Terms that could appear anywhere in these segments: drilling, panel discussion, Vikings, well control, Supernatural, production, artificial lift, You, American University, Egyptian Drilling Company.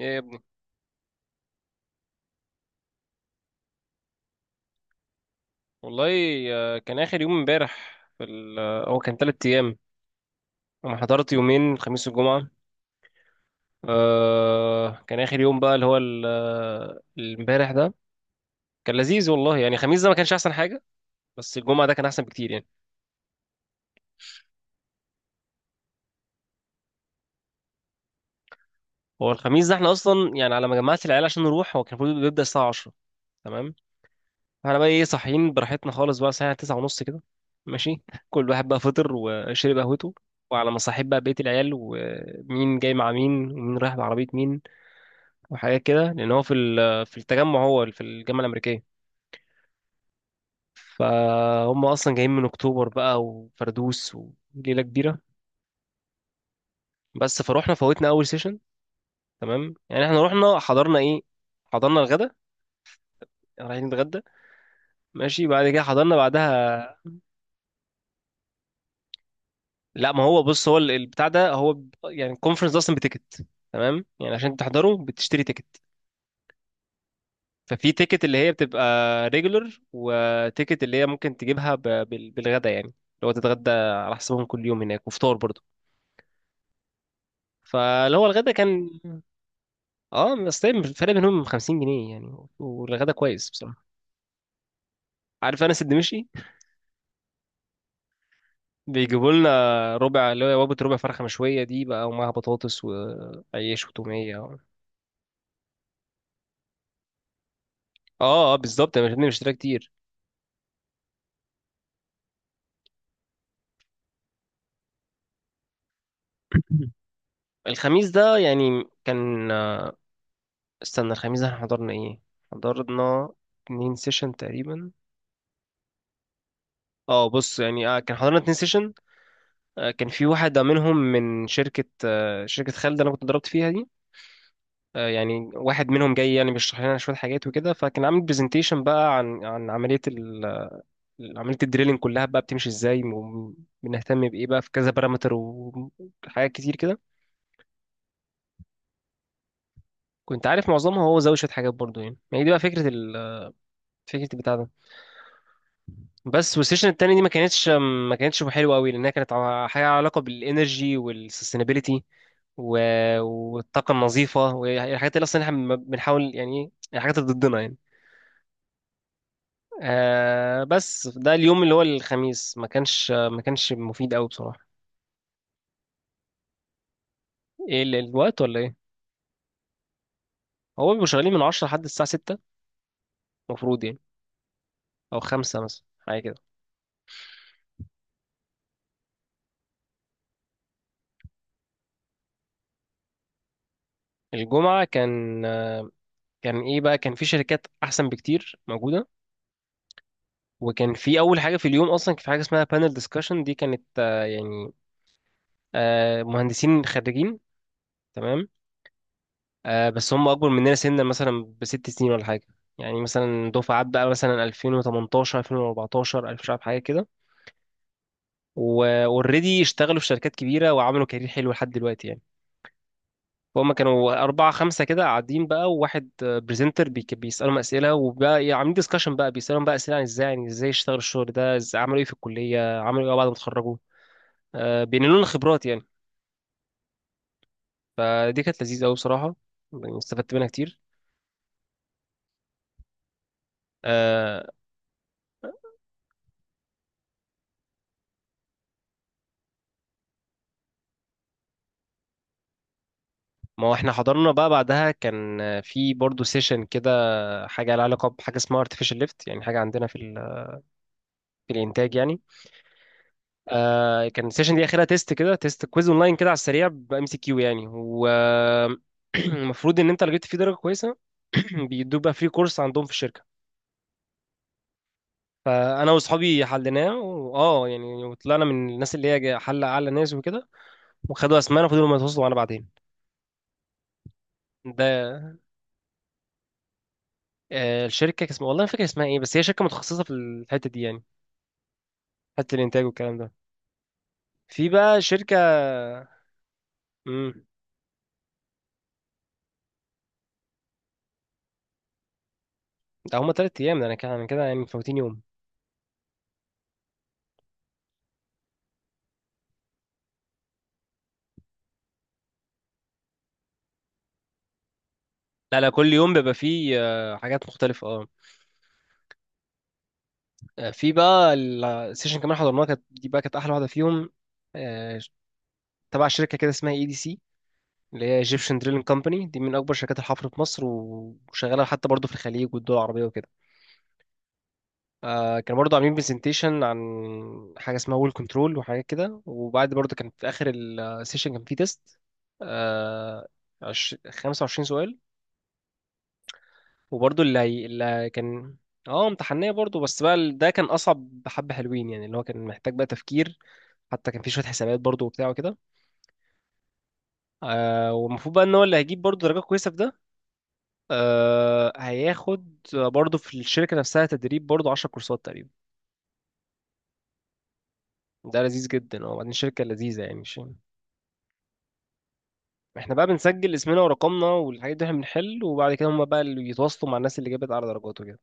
ايه يا ابني؟ والله كان اخر يوم امبارح هو كان 3 ايام. انا حضرت يومين، الخميس والجمعه. كان اخر يوم بقى اللي هو الامبارح ده. كان لذيذ والله، يعني الخميس ده ما كانش احسن حاجه. بس الجمعه ده كان احسن بكتير يعني. هو الخميس ده احنا اصلا، يعني على ما جمعت العيال عشان نروح، هو كان المفروض بيبدا الساعه 10. تمام. احنا بقى ايه، صاحيين براحتنا خالص بقى الساعه 9 ونص كده، ماشي. كل واحد بقى فطر وشرب قهوته، وعلى ما صاحب بقى بيت العيال، ومين جاي مع مين ومين رايح بعربيه مين، وحاجات كده. لان هو في التجمع، هو في الجامعه الامريكيه. فهم اصلا جايين من اكتوبر بقى، وفردوس، وليله كبيره. بس فروحنا فوتنا اول سيشن. تمام يعني احنا رحنا حضرنا ايه؟ حضرنا الغدا، رايحين نتغدى. ماشي، بعد كده حضرنا بعدها. لا، ما هو بص، هو البتاع ده هو يعني الكونفرنس ده اصلا بتيكت. تمام، يعني عشان تحضره بتشتري تيكت. ففي تيكت اللي هي بتبقى ريجولر، وتيكت اللي هي ممكن تجيبها بالغدا، يعني اللي هو تتغدى على حسابهم كل يوم هناك، وفطار برضه. فاللي هو الغدا كان، اه بس طيب الفرق بينهم 50 جنيه يعني، والغدا كويس بصراحه. عارف انس الدمشقي؟ بيجيبوا لنا ربع، اللي هي وجبه ربع فرخه مشويه دي بقى، ومعاها بطاطس وعيش وتوميه و... اه اه، بالظبط، انا مش مشتريها كتير. الخميس ده يعني كان، استنى، الخميس ده احنا حضرنا ايه؟ حضرنا 2 سيشن تقريبا. اه بص يعني، كان حضرنا 2 سيشن. كان في واحد منهم من شركة، شركة خالد اللي انا كنت ضربت فيها دي. يعني واحد منهم جاي يعني بيشرح لنا شويه حاجات وكده، فكان عامل برزنتيشن بقى عن عمليه عمليه الدريلينج كلها بقى بتمشي ازاي، وبنهتم بايه بقى، في كذا بارامتر وحاجات كتير كده. كنت عارف معظمها، هو زود شويه حاجات برضو، يعني ما هي دي بقى فكره فكره البتاع ده. بس والسيشن التاني دي ما كانتش حلوه قوي، لانها كانت حاجه علاقه بالانرجي والسستينابيلتي و... والطاقه النظيفه، والحاجات اللي اصلا احنا بنحاول، يعني إيه، الحاجات اللي ضدنا يعني. بس ده اليوم اللي هو الخميس ما كانش مفيد قوي بصراحة. ايه الوقت ولا ايه؟ هو بيبقوا شغالين من 10 لحد الساعة 6، المفروض يعني، او 5 مثلا، حاجة كده. الجمعة كان، كان ايه بقى، كان في شركات احسن بكتير موجودة. وكان في اول حاجة في اليوم اصلا، كان في حاجة اسمها بانل ديسكشن، دي كانت، يعني مهندسين خريجين. تمام، بس هم اكبر مننا سنا مثلا بست سنين ولا حاجة. يعني مثلا دفعات بقى مثلا 2018، 2014، مش عارف، حاجة كده. واوريدي اشتغلوا في شركات كبيره وعملوا كارير حلو لحد دلوقتي يعني. فهم كانوا أربعة خمسة كده قاعدين بقى، وواحد بريزنتر بيسألهم أسئلة، وبقى يعني عاملين ديسكشن بقى، بيسألهم بقى أسئلة عن إزاي، يعني إزاي اشتغلوا الشغل ده، إزاي عملوا إيه في الكلية، عملوا إيه بعد ما اتخرجوا. بينقلوا لنا خبرات يعني. فدي كانت لذيذة أوي بصراحة، يعني استفدت منها كتير. آه ما هو احنا حضرنا بقى، بعدها كان في برضه سيشن كده، حاجة لها علاقة بحاجة اسمها artificial lift، يعني حاجة عندنا في الإنتاج يعني. كان السيشن دي اخرها تيست كده، تيست كويز اونلاين كده على السريع، بام سي كيو يعني، والمفروض ان انت لو جبت فيه درجه كويسه، بيدوك بقى فري كورس عندهم في الشركه. فانا واصحابي حليناه، واه يعني، وطلعنا من الناس اللي هي حل اعلى ناس وكده، وخدوا اسمائنا، وفضلوا ما يتواصلوا معانا بعدين ده. الشركه كان اسمها والله ما فاكر اسمها ايه، بس هي شركه متخصصه في الحته دي يعني، حته الانتاج والكلام ده، في بقى شركه. امم ده هما 3 ايام، ده انا كده أنا كده يعني مفوتين يوم. لا لا، كل يوم بيبقى فيه، حاجات مختلفة، اه. في بقى السيشن كمان حضرناها، كانت دي بقى كانت أحلى واحدة فيهم. آه، تبع شركة كده اسمها اي دي سي، اللي هي ايجيبشن دريلينج كومباني، دي من أكبر شركات الحفر في مصر، وشغالة حتى برضه في الخليج والدول العربية وكده. كانوا برضه عاملين برزنتيشن عن حاجة اسمها وول كنترول وحاجات كده. وبعد برضه كان في آخر السيشن كان فيه تيست 25 سؤال. وبرضه اللي كان، اه، امتحانية برضه. بس بقى ده كان أصعب حبة، حلوين يعني، اللي هو كان محتاج بقى تفكير، حتى كان في شوية حسابات برضه وبتاع وكده. والمفروض بقى إن هو اللي هيجيب برضه درجة كويسة في ده، هياخد برضه في الشركة نفسها تدريب برضه 10 كورسات تقريبا. ده لذيذ جدا، اه، وبعدين شركة لذيذة يعني، مش... احنا بقى بنسجل اسمنا ورقمنا والحاجات دي، احنا بنحل، وبعد كده هما بقى اللي يتواصلوا مع الناس اللي جابت أعلى درجات وكده.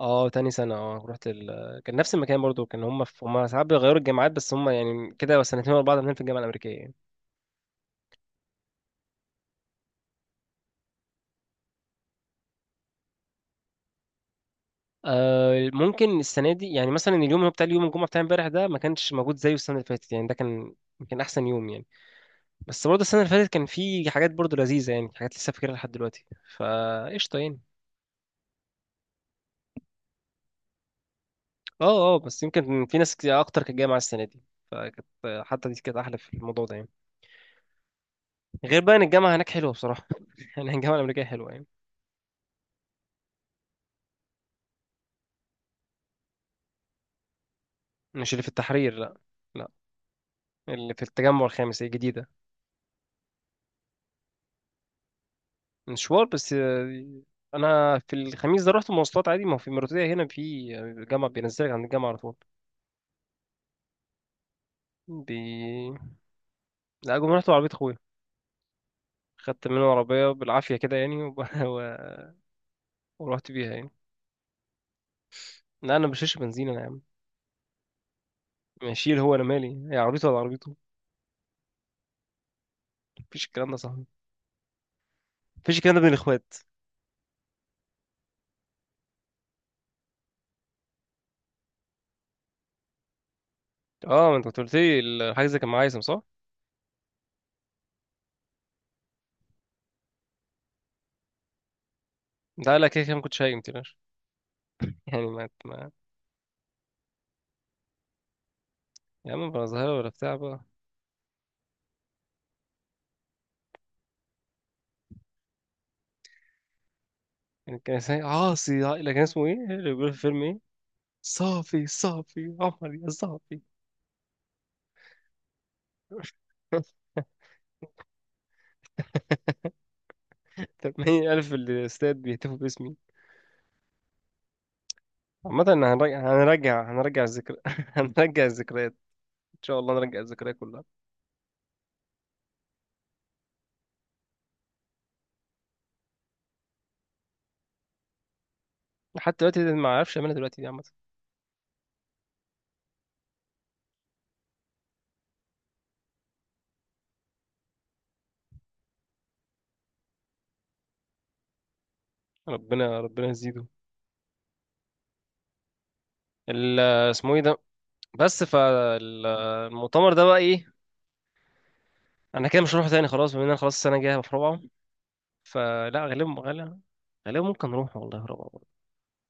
اه، تاني سنة، اه، رحت كان نفس المكان برضو، كان هم ساعات بيغيروا الجامعات، بس هم يعني كده سنتين ورا بعض عاملين في الجامعة الأمريكية يعني. ممكن السنة دي يعني، مثلا اليوم اللي هو بتاع اليوم الجمعة بتاع امبارح ده، ما كانش موجود زيه السنة اللي فاتت يعني، ده كان يمكن أحسن يوم يعني. بس برضه السنة اللي فاتت كان في حاجات برضه لذيذة يعني، حاجات لسه فاكرها لحد دلوقتي، فقشطة يعني. اه اه، بس يمكن في ناس كتير أكتر كانت جاية مع السنة دي، فكانت، حتى دي كانت أحلى في الموضوع ده يعني. غير بقى إن الجامعة هناك حلوة بصراحة. يعني الجامعة الأمريكية حلوة يعني. مش اللي في التحرير، لا، اللي في التجمع الخامس الجديدة. مشوار، بس، أنا في الخميس ده رحت مواصلات عادي، ما هو في المرتدية هنا في جامعة، بينزلك عند الجامعة على طول. بي... لا، جم رحت بعربية أخويا. خدت منه عربية بالعافية كده يعني، ورحت بيها يعني. لا، أنا بشيلش بنزين أنا يا عم، ماشيل. هو أنا مالي، هي عربيته ولا عربيته؟ مفيش الكلام ده يا صاحبي، مفيش الكلام ده بين الإخوات. أه، ما أنت كنت قلت لي الحاجة زي كان معايا صح؟ لا لا، كده كده ما كنتش هايم، متقلقش، يعني ما يا عم بقى، ظاهرة ولا بتاع بقى. يعني كان اسمه، اه، سي، لا، كان اسمه ايه اللي بيقول في الفيلم، ايه؟ صافي، صافي عمر يا صافي. 80,000 الاستاد بيهتفوا باسمي. عامة، هنرجع هنرجع هنرجع الذكر هنرجع الذكريات. ان شاء الله نرجع الذكريات كلها. حتى دلوقتي ده ما اعرفش اعملها دلوقتي دي، عامة. ربنا ربنا يزيده. ال- اسمه ايه ده؟ بس فالمؤتمر ده بقى ايه؟ انا كده مش هروح تاني خلاص، بما ان انا خلاص السنة الجاية هبقى في رابعة، فلا، غالبا غالبا ممكن نروح والله في رابعة.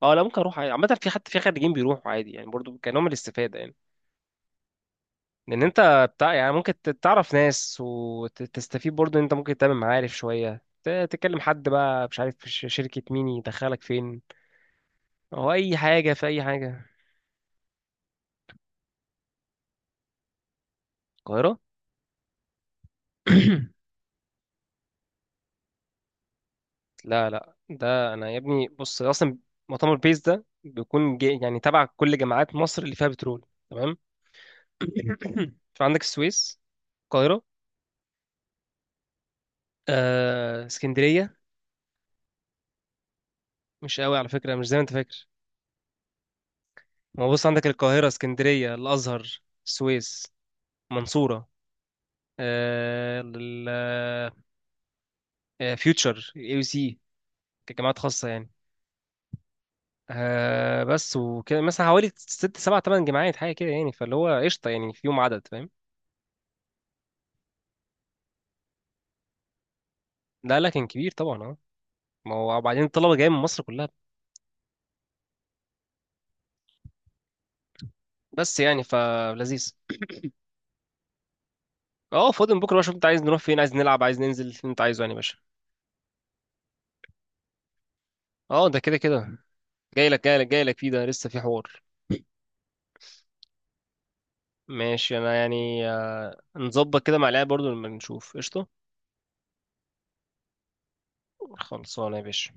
اه، لا ممكن اروح عادي، عامه في خريجين بيروحوا عادي يعني، برضو كنوع من الاستفاده يعني. لان انت بتاع يعني، ممكن تعرف ناس وتستفيد برضو، ان انت ممكن تعمل معارف شويه، تكلم حد بقى، مش عارف في شركه مين يدخلك فين، او اي حاجه في اي حاجه. القاهره. لا لا، ده انا يا ابني بص اصلا، مؤتمر بيس ده بيكون جي يعني تبع كل جامعات مصر اللي فيها بترول. تمام. فعندك السويس، القاهره، اسكندريه. مش قوي على فكره، مش زي ما انت فاكر. ما بص، عندك القاهرة، اسكندرية، الأزهر، السويس، منصورة، آه، ال- فيوتشر، اي يو سي، كجامعات خاصة يعني. بس وكده مثلا حوالي ست سبع تمن جامعات، حاجة كده يعني، فاللي هو قشطة يعني، في يوم عدد فاهم. لا لا، كان كبير طبعا، اه، ما هو وبعدين الطلبة جاية من مصر كلها. بس يعني فلذيذ. اه فاضي من بكرة بقى، شوف انت عايز نروح فين، عايز نلعب، عايز ننزل، اللي انت عايزه يعني يا باشا. اه، ده كده كده، جاي لك جاي لك جاي لك فيه، ده لسه في حوار. ماشي، انا يعني، نظبط كده مع العيال برضو لما نشوف، قشطه، خلصانه يا باشا.